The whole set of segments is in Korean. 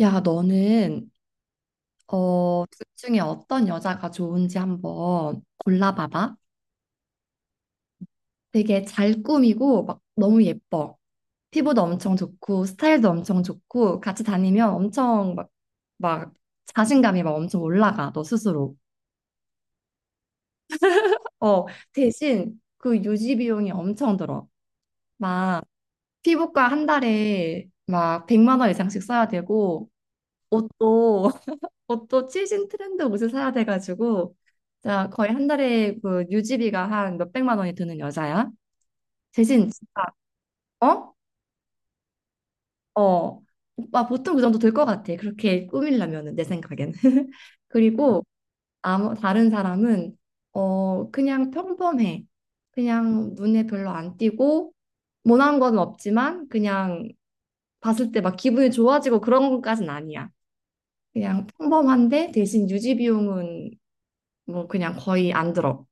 야, 너는 어, 둘 중에 어떤 여자가 좋은지 한번 골라봐봐. 되게 잘 꾸미고 막 너무 예뻐. 피부도 엄청 좋고 스타일도 엄청 좋고 같이 다니면 엄청 막, 막 자신감이 막 엄청 올라가 너 스스로. 어, 대신 그 유지 비용이 엄청 들어. 막 피부과 한 달에 막 100만 원 이상씩 써야 되고 옷도 옷도 시즌 트렌드 옷을 사야 돼가지고 자 거의 한 달에 그 유지비가 한 몇백만 원이 드는 여자야. 대신 진짜. 어? 어. 오빠 보통 그 정도 들 것 같아. 그렇게 꾸밀려면은 내 생각엔. 그리고 아무 다른 사람은 어 그냥 평범해. 그냥 눈에 별로 안 띄고 모난 건 없지만 그냥 봤을 때 막 기분이 좋아지고 그런 것까진 아니야. 그냥 평범한데 대신 유지 비용은 뭐 그냥 거의 안 들어.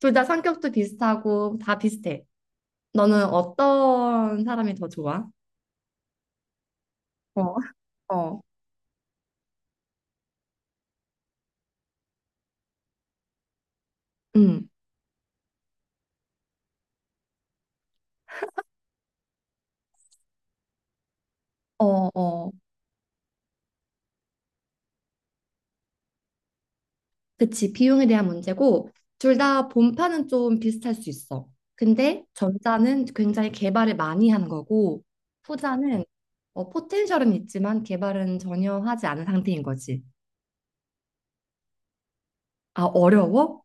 둘 다 성격도 비슷하고 다 비슷해. 너는 어떤 사람이 더 좋아? 어, 어, 음, 어, 어. 그치. 비용에 대한 문제고, 둘 다 본판은 좀 비슷할 수 있어. 근데 전자는 굉장히 개발을 많이 한 거고, 후자는 어, 포텐셜은 있지만 개발은 전혀 하지 않은 상태인 거지. 아, 어려워?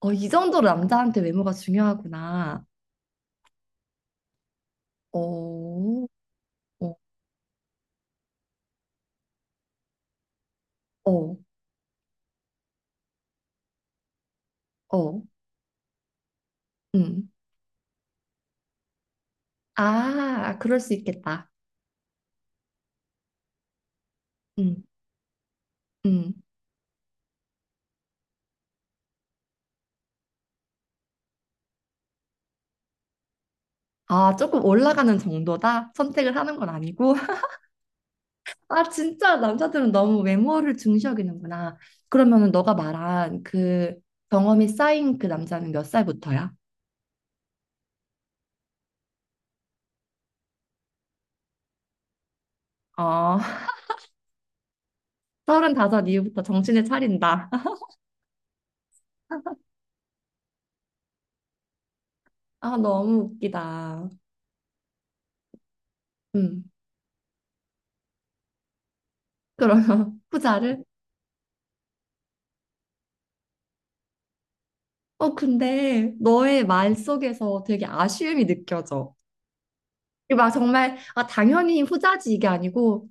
어, 이 정도로 남자한테 외모가 중요하구나. 어, 어, 어, 어, 음. 아, 그럴 수 있겠다. 음, 음. 아, 조금 올라가는 정도다? 선택을 하는 건 아니고? 아, 진짜 남자들은 너무 외모를 중시여기는구나. 그러면은 너가 말한 그 경험이 쌓인 그 남자는 몇 살부터야? 어, 35 이후부터 정신을 차린다. 아, 너무 웃기다. 음, 그러면 후자를? 어, 근데 너의 말 속에서 되게 아쉬움이 느껴져. 이게 막 정말, 아, 당연히 후자지 이게 아니고,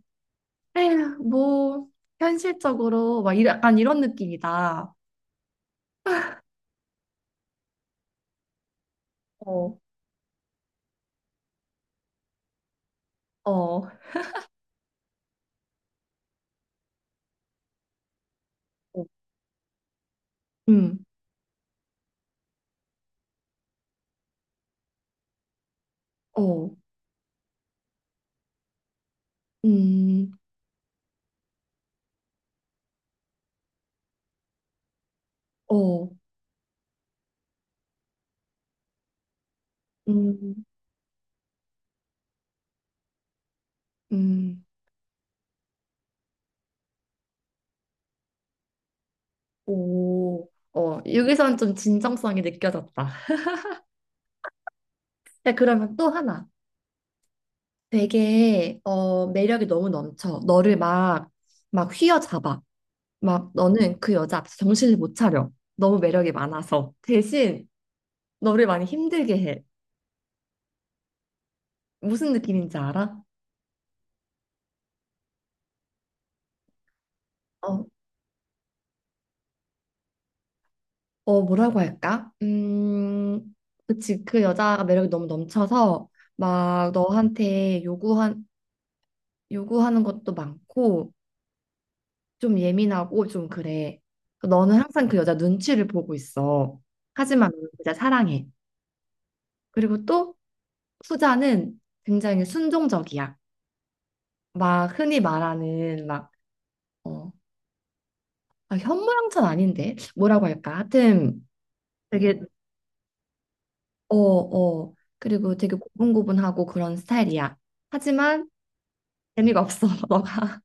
에휴, 뭐, 현실적으로, 막, 이 약간 이런 느낌이다. 어, 어, 어, 음, 어, 음, 어, 음, 음, 오, 어, 여기서는 좀 진정성이 느껴졌다. 자, 그러면 또 하나. 되게, 어, 매력이 너무 넘쳐. 너를 막, 막 휘어잡아. 막, 너는 그 여자 앞에서 정신을 못 차려. 너무 매력이 많아서. 대신, 너를 많이 힘들게 해. 무슨 느낌인지 알아? 어, 어, 뭐라고 할까? 그치. 그 여자가 매력이 너무 넘쳐서 막 너한테 요구하는 것도 많고 좀 예민하고 좀 그래. 그러니까 너는 항상 그 여자 눈치를 보고 있어. 하지만 너는 그 여자 사랑해. 그리고 또 후자는 굉장히 순종적이야. 막 흔히 말하는 막, 어, 아, 현모양처는 아닌데? 뭐라고 할까? 하여튼 되게, 어, 어. 그리고 되게 고분고분하고 그런 스타일이야. 하지만 재미가 없어. 너가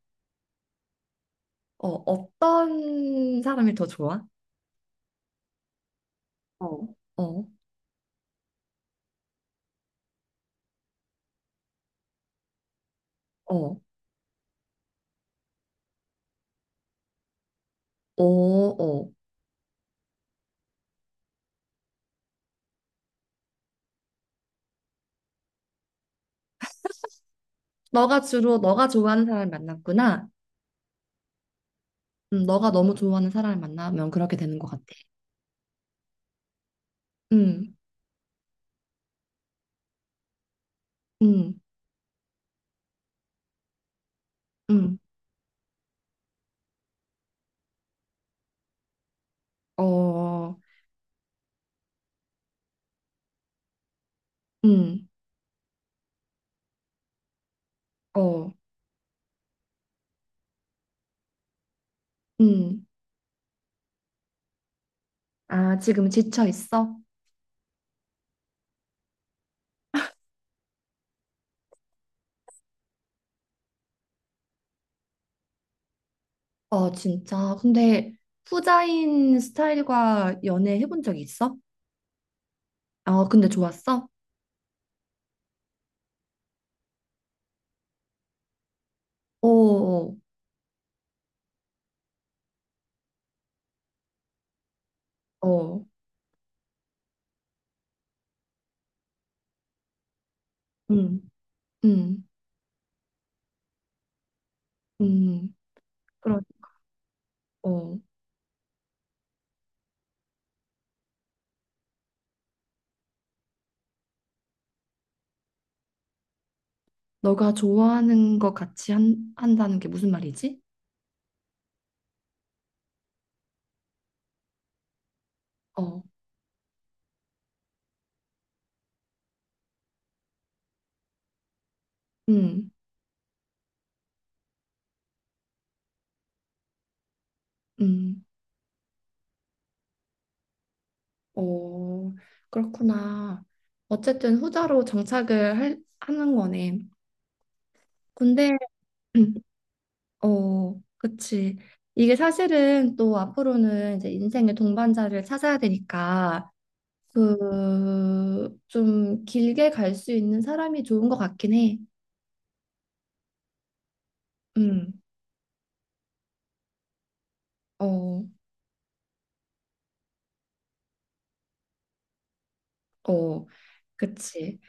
어, 어떤 사람이 더 좋아? 어, 어, 어, 어, 어. 너가 주로 너가 좋아하는 사람을 만났구나. 너가 너무 좋아하는 사람을 만나면 그렇게 되는 것 같아. 음, 음, 음, 어, 음, 어, 음. 아, 지금 지쳐 있어? 어, 진짜. 근데 후자인 스타일과 연애 해본 적 있어? 어, 근데 좋았어? 어, 어, 어, 음, 음, 음. 그런. 어. 너가 좋아하는 거 같이 한다는 게 무슨 말이지? 어, 음, 음, 어, 그렇구나. 어쨌든 후자로 정착을 하는 거네. 근데, 어, 그치. 이게 사실은 또 앞으로는 이제 인생의 동반자를 찾아야 되니까, 그, 좀 길게 갈 수 있는 사람이 좋은 것 같긴 해. 음, 어, 어, 그치.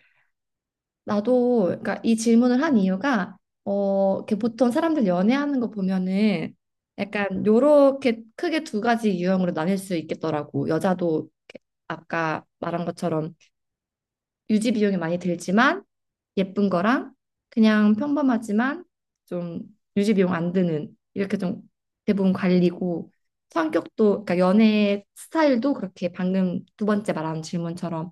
나도 그러니까 이 질문을 한 이유가 어, 이렇게 보통 사람들 연애하는 거 보면은 약간 요렇게 크게 두 가지 유형으로 나뉠 수 있겠더라고. 여자도 이렇게 아까 말한 것처럼 유지 비용이 많이 들지만 예쁜 거랑 그냥 평범하지만 좀 유지 비용 안 드는 이렇게 좀 대부분 관리고 성격도 그러니까 연애 스타일도 그렇게 방금 2번째 말한 질문처럼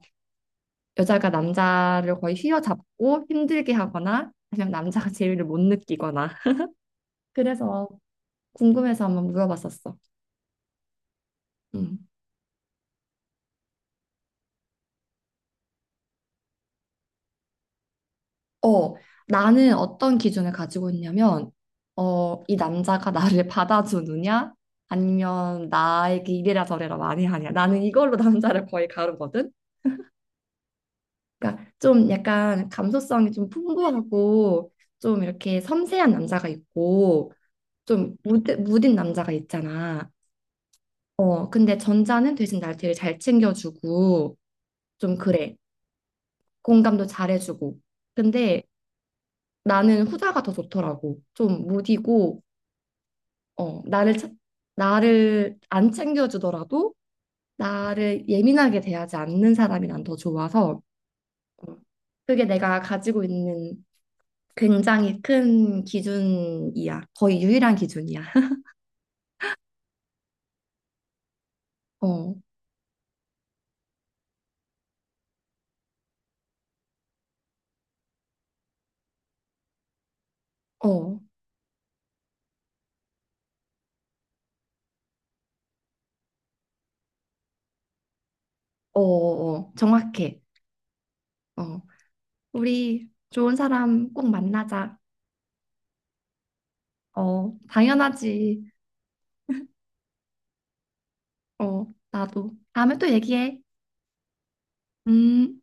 여자가 남자를 거의 휘어잡고 힘들게 하거나 아니면 남자가 재미를 못 느끼거나 그래서 궁금해서 한번 물어봤었어. 음. 어, 나는 어떤 기준을 가지고 있냐면 어, 이 남자가 나를 받아주느냐 아니면 나에게 이래라 저래라 많이 하냐 나는 이걸로 남자를 거의 가르거든. 그러니까 좀 약간 감수성이 좀 풍부하고 좀 이렇게 섬세한 남자가 있고 좀 무딘 남자가 있잖아. 어, 근데 전자는 대신 날 되게 잘 챙겨주고, 좀 그래. 공감도 잘해주고. 근데 나는 후자가 더 좋더라고. 좀 무디고, 어, 나를 안 챙겨주더라도 나를 예민하게 대하지 않는 사람이 난 더 좋아서, 어, 그게 내가 가지고 있는 굉장히 큰 기준이야. 거의 유일한 기준이야. 어, 어, 어, 어, 정확해. 어, 우리 좋은 사람 꼭 만나자. 어, 당연하지. 어, 나도. 다음에 또 얘기해. 음.